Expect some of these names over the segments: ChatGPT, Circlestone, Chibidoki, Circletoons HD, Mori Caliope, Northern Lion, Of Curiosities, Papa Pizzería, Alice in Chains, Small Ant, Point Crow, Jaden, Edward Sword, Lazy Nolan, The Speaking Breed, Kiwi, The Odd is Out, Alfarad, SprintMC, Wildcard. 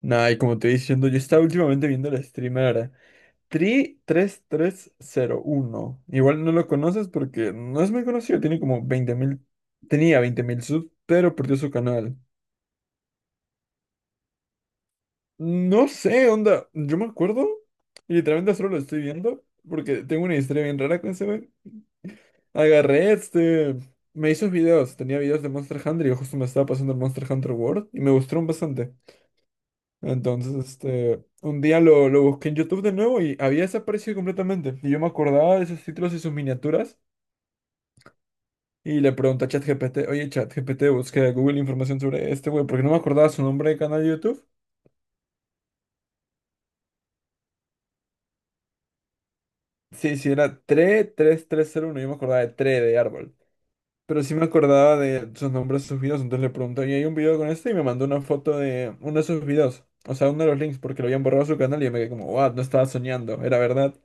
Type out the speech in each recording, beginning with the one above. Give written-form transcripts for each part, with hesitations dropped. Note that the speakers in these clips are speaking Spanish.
Nah, y como te estoy diciendo, yo estaba últimamente viendo el streamer tri tres tres cero uno. Igual no lo conoces porque no es muy conocido, tiene como 20.000, tenía 20.000 subs, pero perdió su canal. No sé, onda, yo me acuerdo y literalmente solo lo estoy viendo porque tengo una historia bien rara con ese wey. Agarré me hizo videos, tenía videos de Monster Hunter y yo justo me estaba pasando el Monster Hunter World y me gustaron bastante. Entonces, un día lo busqué en YouTube de nuevo y había desaparecido completamente. Y yo me acordaba de esos títulos y sus miniaturas. Y le pregunté a ChatGPT, oye, ChatGPT, busqué a Google información sobre este güey, porque no me acordaba su nombre de canal de YouTube. Sí, sí, era 3301, yo me acordaba de 3 de árbol. Pero sí me acordaba de sus nombres, sus videos, entonces le pregunté, oye, hay un video con este y me mandó una foto de uno de sus videos. O sea, uno de los links, porque lo habían borrado su canal y yo me quedé como, wow, no estaba soñando, era verdad.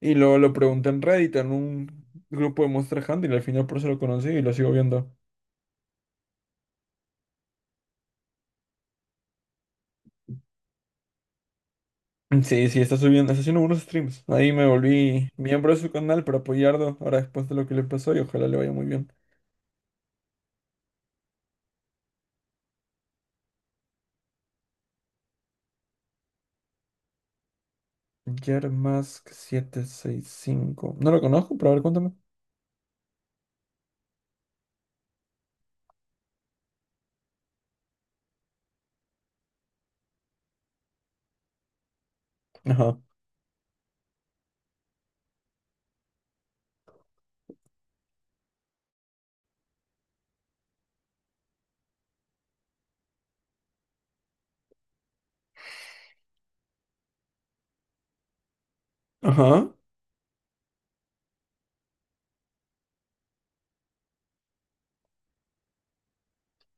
Y luego lo pregunté en Reddit, en un grupo de Monster Hunter, y al final por eso lo conocí y lo sigo viendo. Sí, sí, está subiendo, está haciendo unos streams. Ahí me volví miembro de su canal para apoyarlo ahora después de lo que le pasó y ojalá le vaya muy bien. Yermask cinco. No lo conozco, pero a ver, cuéntame. Ajá. Ajá.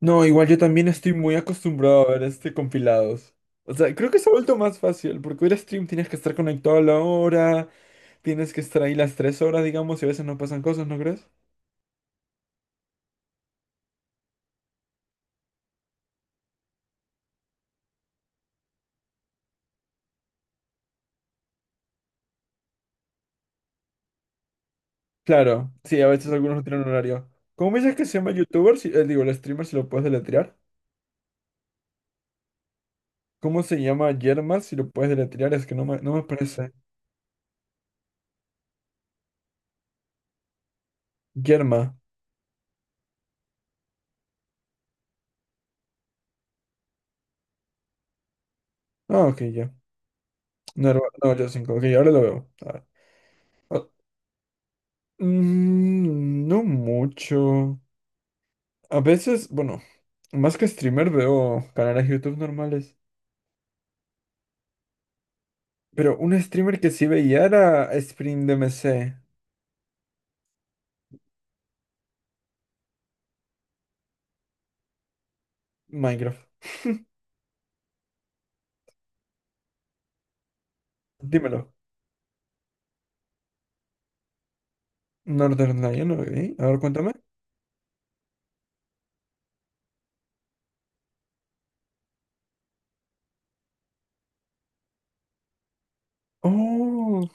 No, igual yo también estoy muy acostumbrado a ver este compilados. O sea, creo que se ha vuelto más fácil, porque ver stream tienes que estar conectado a la hora, tienes que estar ahí las 3 horas, digamos, y a veces no pasan cosas, ¿no crees? Claro, sí, a veces algunos no tienen horario. ¿Cómo me dices que se llama youtuber? Si, digo, el streamer si lo puedes deletrear. ¿Cómo se llama Yerma si lo puedes deletrear? Es que no me parece. Yerma. Ah, ok, ya. No, no, no, yo cinco. Ok, ahora lo veo. A ver. Ah, no mucho. A veces, bueno, más que streamer veo canales de YouTube normales. Pero un streamer que sí veía era SprintMC. Minecraft. Dímelo. Northern Lion, ok. A ver, cuéntame. Oh.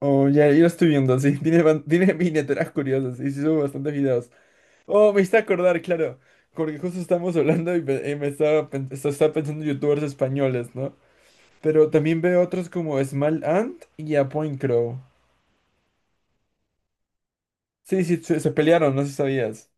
Oh, ya, yo lo estoy viendo, sí. Tiene, ban- tiene miniaturas curiosas y sí subo bastantes videos. Oh, me hice acordar, claro. Porque justo estamos hablando y, pe- y me estaba, pen- esto- estaba pensando en youtubers españoles, ¿no? Pero también veo otros como Small Ant y a Point Crow. Sí, sí, se pelearon, no sé si sabías.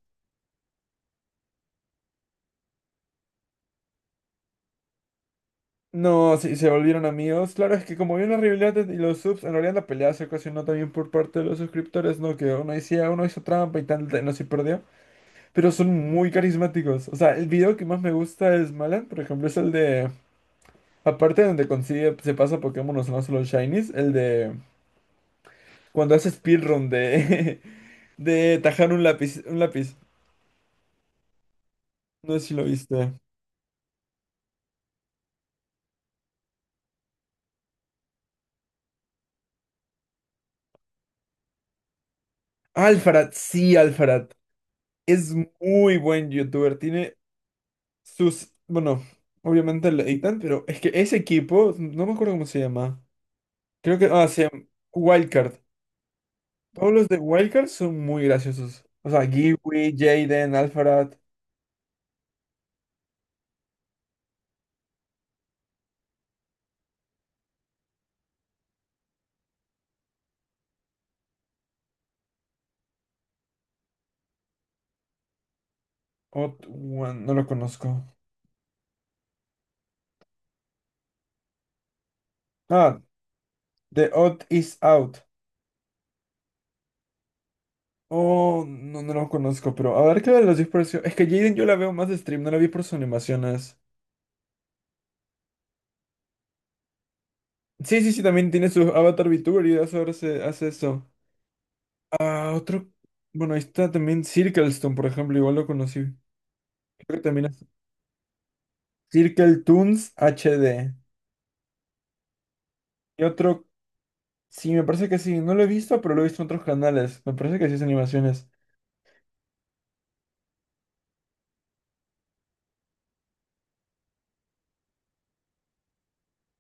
No, sí, se volvieron amigos. Claro, es que como había una rivalidad y los subs, en realidad la pelea se ocasionó también por parte de los suscriptores, ¿no? Que uno decía, uno hizo trampa y tal, no se perdió. Pero son muy carismáticos. O sea, el video que más me gusta es Malan, por ejemplo, es el de. Aparte de donde consigue, se pasa Pokémon, no solo Shinies, el de. Cuando hace speedrun de. de tajar un lápiz. Un lápiz. No sé si lo viste. Alfarad, sí, Alfarad. Es muy buen youtuber. Tiene sus. Bueno, obviamente lo editan, pero es que ese equipo, no me acuerdo cómo se llama. Creo que. Ah, se llama Wildcard. Todos los de Wildcard son muy graciosos. O sea, Kiwi, Jaden, Alfarad. Odd One, no lo conozco. Ah, The Odd is Out. Oh, no, no lo conozco, pero a ver qué de los dispersos. Es que Jaden yo la veo más de stream, no la vi por sus animaciones. Sí, sí, sí, también tiene su avatar VTuber y eso ahora se hace eso. Ah, otro. Bueno, ahí está también Circlestone, por ejemplo, igual lo conocí. Creo que también es Circletoons HD. Y otro, sí, me parece que sí, no lo he visto, pero lo he visto en otros canales. Me parece que sí es animaciones.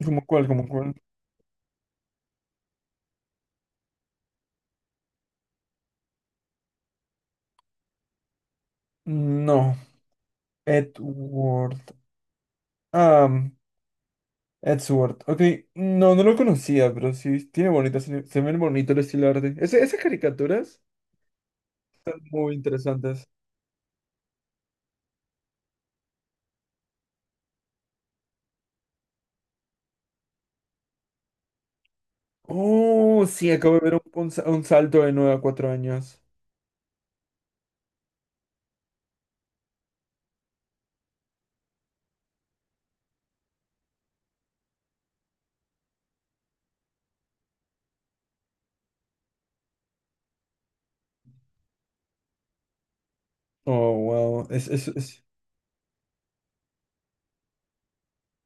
¿Como cuál? ¿Como cuál? No. Edward. Ah, Edward. Sword. Ok, no, no lo conocía, pero sí, tiene bonitas, se ven bonito el estilo de arte. Ese- esas caricaturas, muy interesantes. Oh, sí, acabo de ver un sa- un salto de 9 a 4 años. Oh, wow. Es-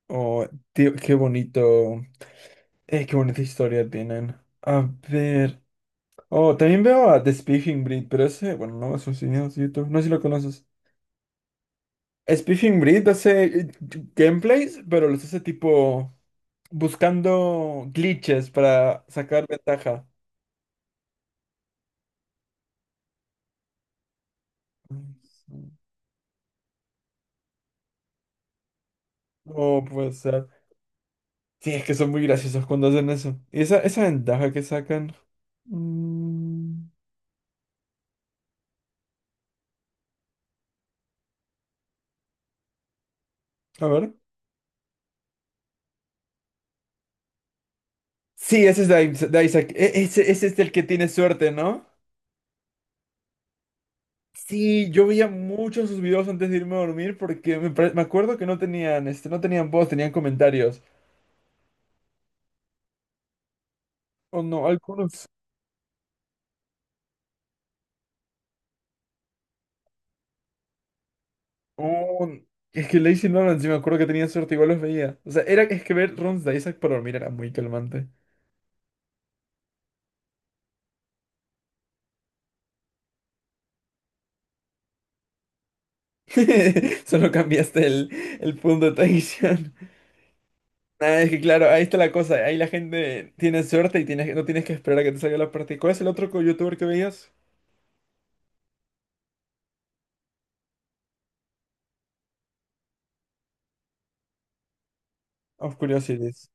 oh, tío, qué bonito. Qué bonita historia tienen. A ver. Oh, también veo a The Speaking Breed, pero ese, bueno, no es un cine, es YouTube. No sé si lo conoces. Speaking Breed hace gameplays, pero los hace tipo. Buscando glitches para sacar ventaja. No puede ser. Sí, es que son muy graciosos cuando hacen eso. ¿Y esa ventaja que sacan? Mm, a ver. Sí, ese es de Is- de Isaac. E- Ese es el que tiene suerte, ¿no? Sí, yo veía muchos sus videos antes de irme a dormir porque me, pare- me acuerdo que no tenían, no tenían voz, tenían comentarios. O no, algunos. Oh, es que Lazy Nolan, sí me acuerdo que tenía suerte, igual los veía. O sea, era, es que ver runs de Isaac para dormir era muy calmante. Solo cambiaste el punto de atención. Nada, es que claro, ahí está la cosa. Ahí la gente tiene suerte y tienes, no tienes que esperar a que te salga la parte. ¿Cuál es el otro co- youtuber que veías? Of Curiosities.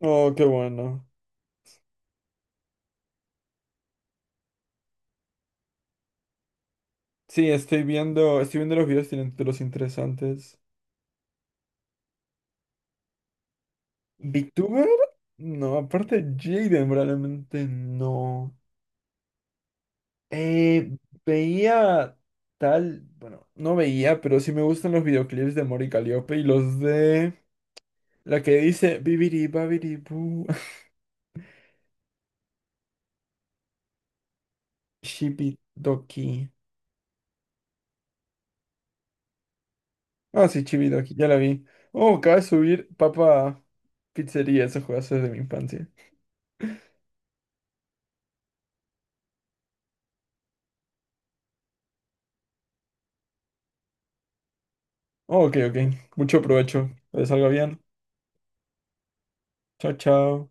Oh, qué bueno. Sí, estoy viendo los videos, tienen títulos interesantes. ¿VTuber? No, aparte Jaden probablemente no. Eh, veía tal, bueno, no veía, pero sí me gustan los videoclips de Mori Caliope y los de... La que dice Bibidi Babidi Boo. Chibidoki. Ah, sí, Chibidoki, ya la vi. Oh, acaba de subir Papa Pizzería, ese juegazo es de mi infancia. Oh, ok, ok. Mucho provecho. Que les salga bien. Chao, chao.